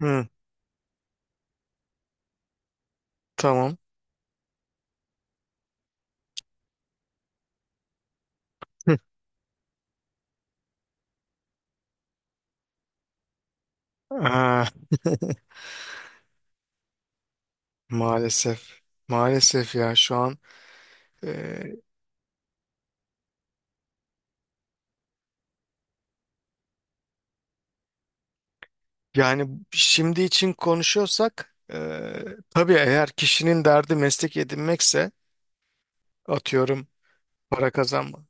Hı, tamam. Hı. Aa, maalesef. Maalesef ya şu an e, yani şimdi için konuşuyorsak tabii eğer kişinin derdi meslek edinmekse atıyorum para kazanma.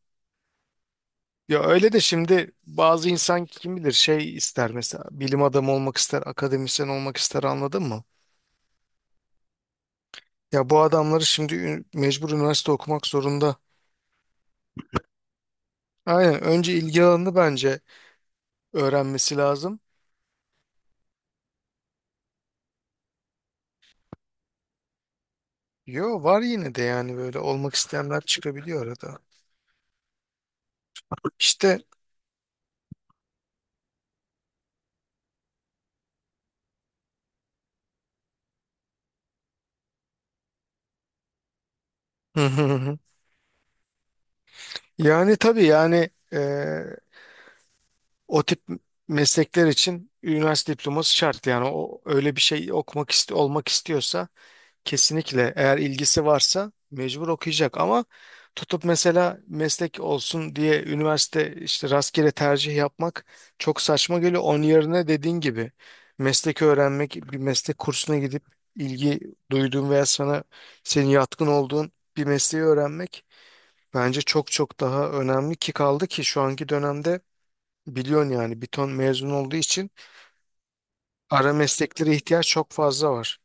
Ya öyle de şimdi bazı insan kim bilir şey ister, mesela bilim adamı olmak ister, akademisyen olmak ister, anladın mı? Ya bu adamları şimdi mecbur üniversite okumak zorunda. Aynen, önce ilgi alanını bence öğrenmesi lazım. Yo, var yine de yani, böyle olmak isteyenler çıkabiliyor arada. İşte hı hı hı. Yani tabii yani o tip meslekler için üniversite diploması şart yani, o öyle bir şey okumak iste olmak istiyorsa kesinlikle eğer ilgisi varsa mecbur okuyacak, ama tutup mesela meslek olsun diye üniversite işte rastgele tercih yapmak çok saçma geliyor. Onun yerine dediğin gibi meslek öğrenmek, bir meslek kursuna gidip ilgi duyduğun veya sana senin yatkın olduğun bir mesleği öğrenmek bence çok çok daha önemli. Ki kaldı ki şu anki dönemde biliyorsun yani, bir ton mezun olduğu için ara mesleklere ihtiyaç çok fazla var.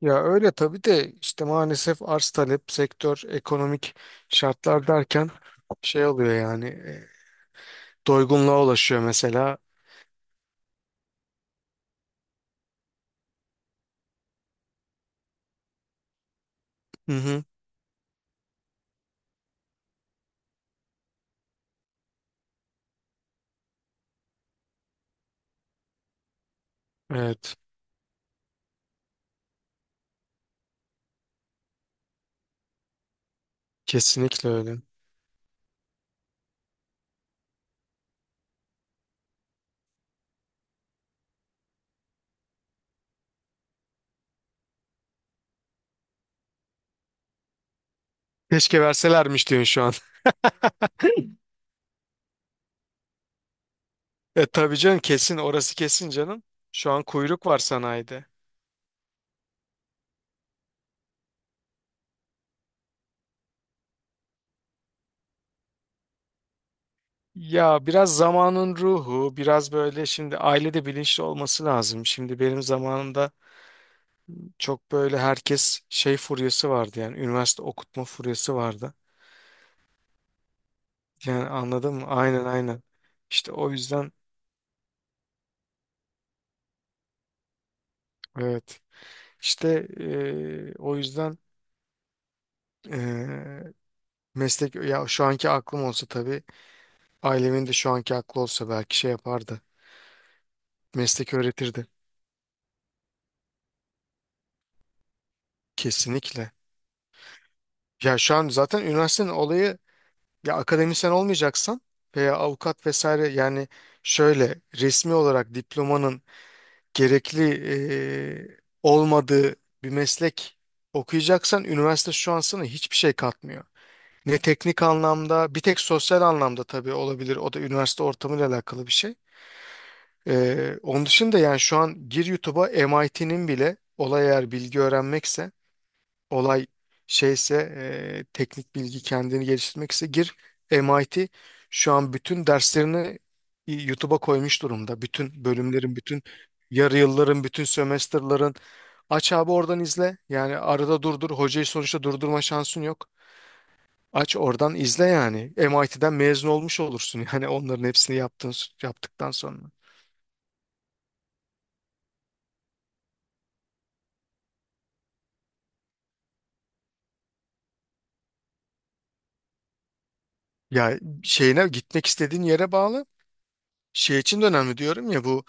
Ya öyle tabii, de işte maalesef arz talep, sektör, ekonomik şartlar derken şey oluyor yani, doygunluğa ulaşıyor mesela. Hı hı. Evet, kesinlikle öyle. Keşke verselermiş diyorsun şu an. E tabii canım, kesin orası, kesin canım. Şu an kuyruk var sanayide. Ya biraz zamanın ruhu, biraz böyle, şimdi ailede bilinçli olması lazım. Şimdi benim zamanımda çok böyle herkes şey furyası vardı, yani üniversite okutma furyası vardı. Yani anladın mı? Aynen, aynen. İşte o yüzden, evet. İşte o yüzden eee, meslek. Ya şu anki aklım olsa tabii, ailemin de şu anki aklı olsa belki şey yapardı. Meslek öğretirdi. Kesinlikle. Ya şu an zaten üniversitenin olayı, ya akademisyen olmayacaksan veya avukat vesaire, yani şöyle resmi olarak diplomanın gerekli olmadığı bir meslek okuyacaksan üniversite şu an sana hiçbir şey katmıyor. Ne teknik anlamda, bir tek sosyal anlamda tabii olabilir. O da üniversite ortamıyla alakalı bir şey. Onun dışında yani, şu an gir YouTube'a, MIT'nin bile, olay eğer bilgi öğrenmekse, olay şeyse teknik bilgi kendini geliştirmekse, gir. MIT şu an bütün derslerini YouTube'a koymuş durumda. Bütün bölümlerin, bütün yarı yılların, bütün sömestrların, aç abi oradan izle. Yani arada durdur. Hocayı sonuçta durdurma şansın yok. Aç oradan izle yani. MIT'den mezun olmuş olursun yani, onların hepsini yaptığın, yaptıktan sonra. Ya şeyine, gitmek istediğin yere bağlı. Şey için de önemli diyorum ya, bu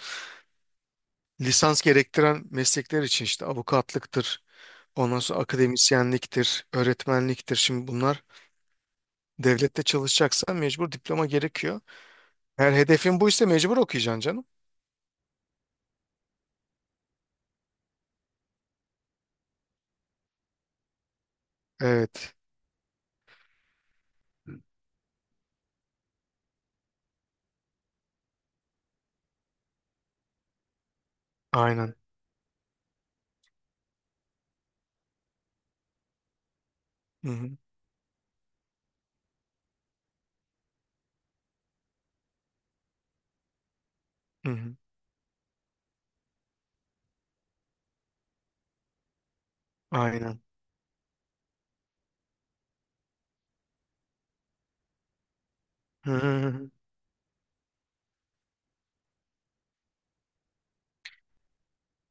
lisans gerektiren meslekler için, işte avukatlıktır, ondan sonra akademisyenliktir, öğretmenliktir. Şimdi bunlar, devlette çalışacaksan mecbur diploma gerekiyor. Eğer hedefin buysa mecbur okuyacaksın canım. Evet, aynen. Hı hı, hı hı. Aynen. Hı hı, hı hı.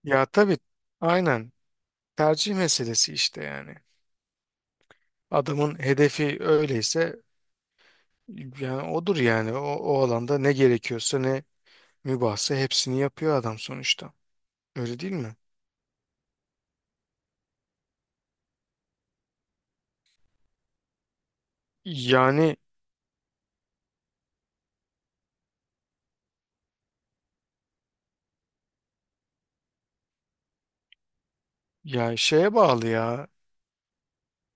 Ya tabii, aynen. Tercih meselesi işte yani. Adamın hedefi öyleyse yani odur yani. O, o alanda ne gerekiyorsa, ne mübahse hepsini yapıyor adam sonuçta. Öyle değil mi? Yani, ya şeye bağlı ya.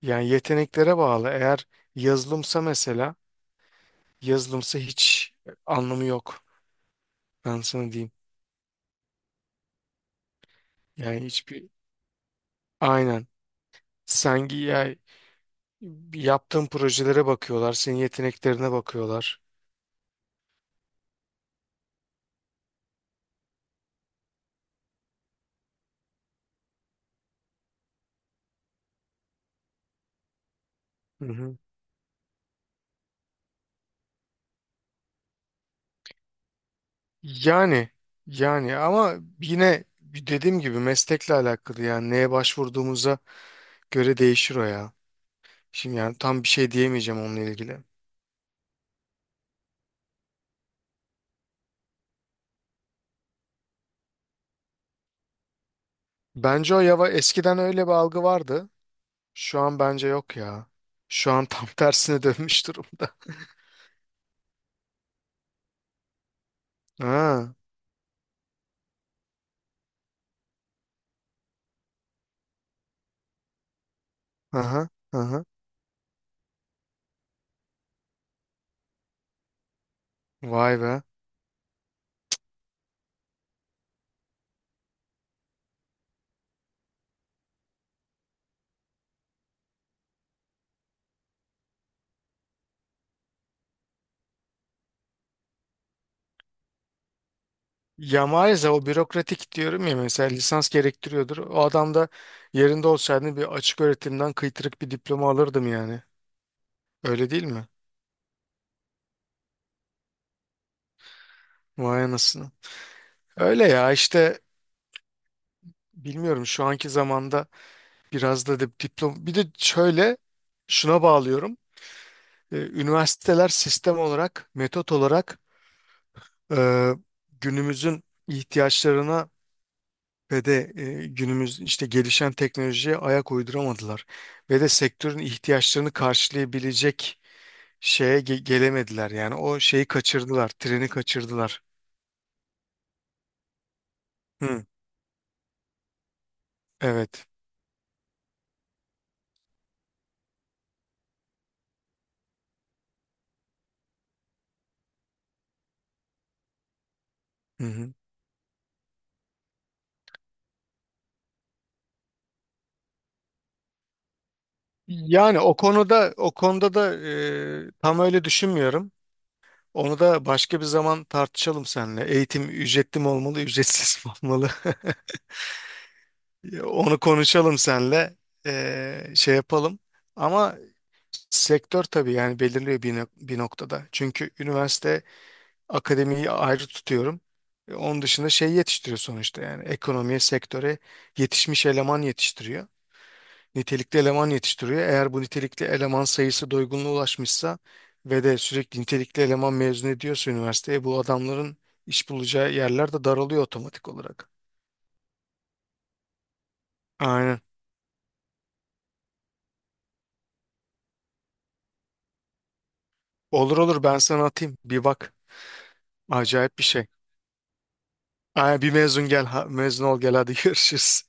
Yani yeteneklere bağlı. Eğer yazılımsa mesela, yazılımsa hiç anlamı yok. Ben sana diyeyim. Yani hiçbir, aynen. Ya, yaptığın projelere bakıyorlar. Senin yeteneklerine bakıyorlar. Hı hı. Yani, ama yine dediğim gibi meslekle alakalı, yani neye başvurduğumuza göre değişir o ya. Şimdi yani tam bir şey diyemeyeceğim onunla ilgili. Bence o yava, eskiden öyle bir algı vardı. Şu an bence yok ya. Şu an tam tersine dönmüş durumda. Ha, aha, aha. Vay be. Ya maalesef o bürokratik diyorum ya, mesela lisans gerektiriyordur. O adam da yerinde olsaydı bir açık öğretimden kıytırık bir diploma alırdım yani. Öyle değil mi? Vay anasını. Öyle ya işte, bilmiyorum şu anki zamanda biraz da diplom. Bir de şöyle, şuna bağlıyorum. Üniversiteler sistem olarak, metot olarak e, günümüzün ihtiyaçlarına ve de günümüz işte gelişen teknolojiye ayak uyduramadılar. Ve de sektörün ihtiyaçlarını karşılayabilecek şeye gelemediler. Yani o şeyi kaçırdılar, treni kaçırdılar. Hı, evet. Hı hı. Yani o konuda, o konuda da tam öyle düşünmüyorum. Onu da başka bir zaman tartışalım seninle. Eğitim ücretli mi olmalı, ücretsiz mi olmalı? Onu konuşalım seninle. E, şey yapalım. Ama sektör tabii yani belirliyor bir, bir noktada. Çünkü üniversite akademiyi ayrı tutuyorum. E, onun dışında şey yetiştiriyor sonuçta yani, ekonomiye, sektöre yetişmiş eleman yetiştiriyor, nitelikli eleman yetiştiriyor. Eğer bu nitelikli eleman sayısı doygunluğa ulaşmışsa ve de sürekli nitelikli eleman mezun ediyorsa üniversiteye, bu adamların iş bulacağı yerler de daralıyor otomatik olarak. Aynen. Olur, olur, ben sana atayım. Bir bak. Acayip bir şey. Aynen, bir mezun gel. Ha, mezun ol gel hadi görüşürüz.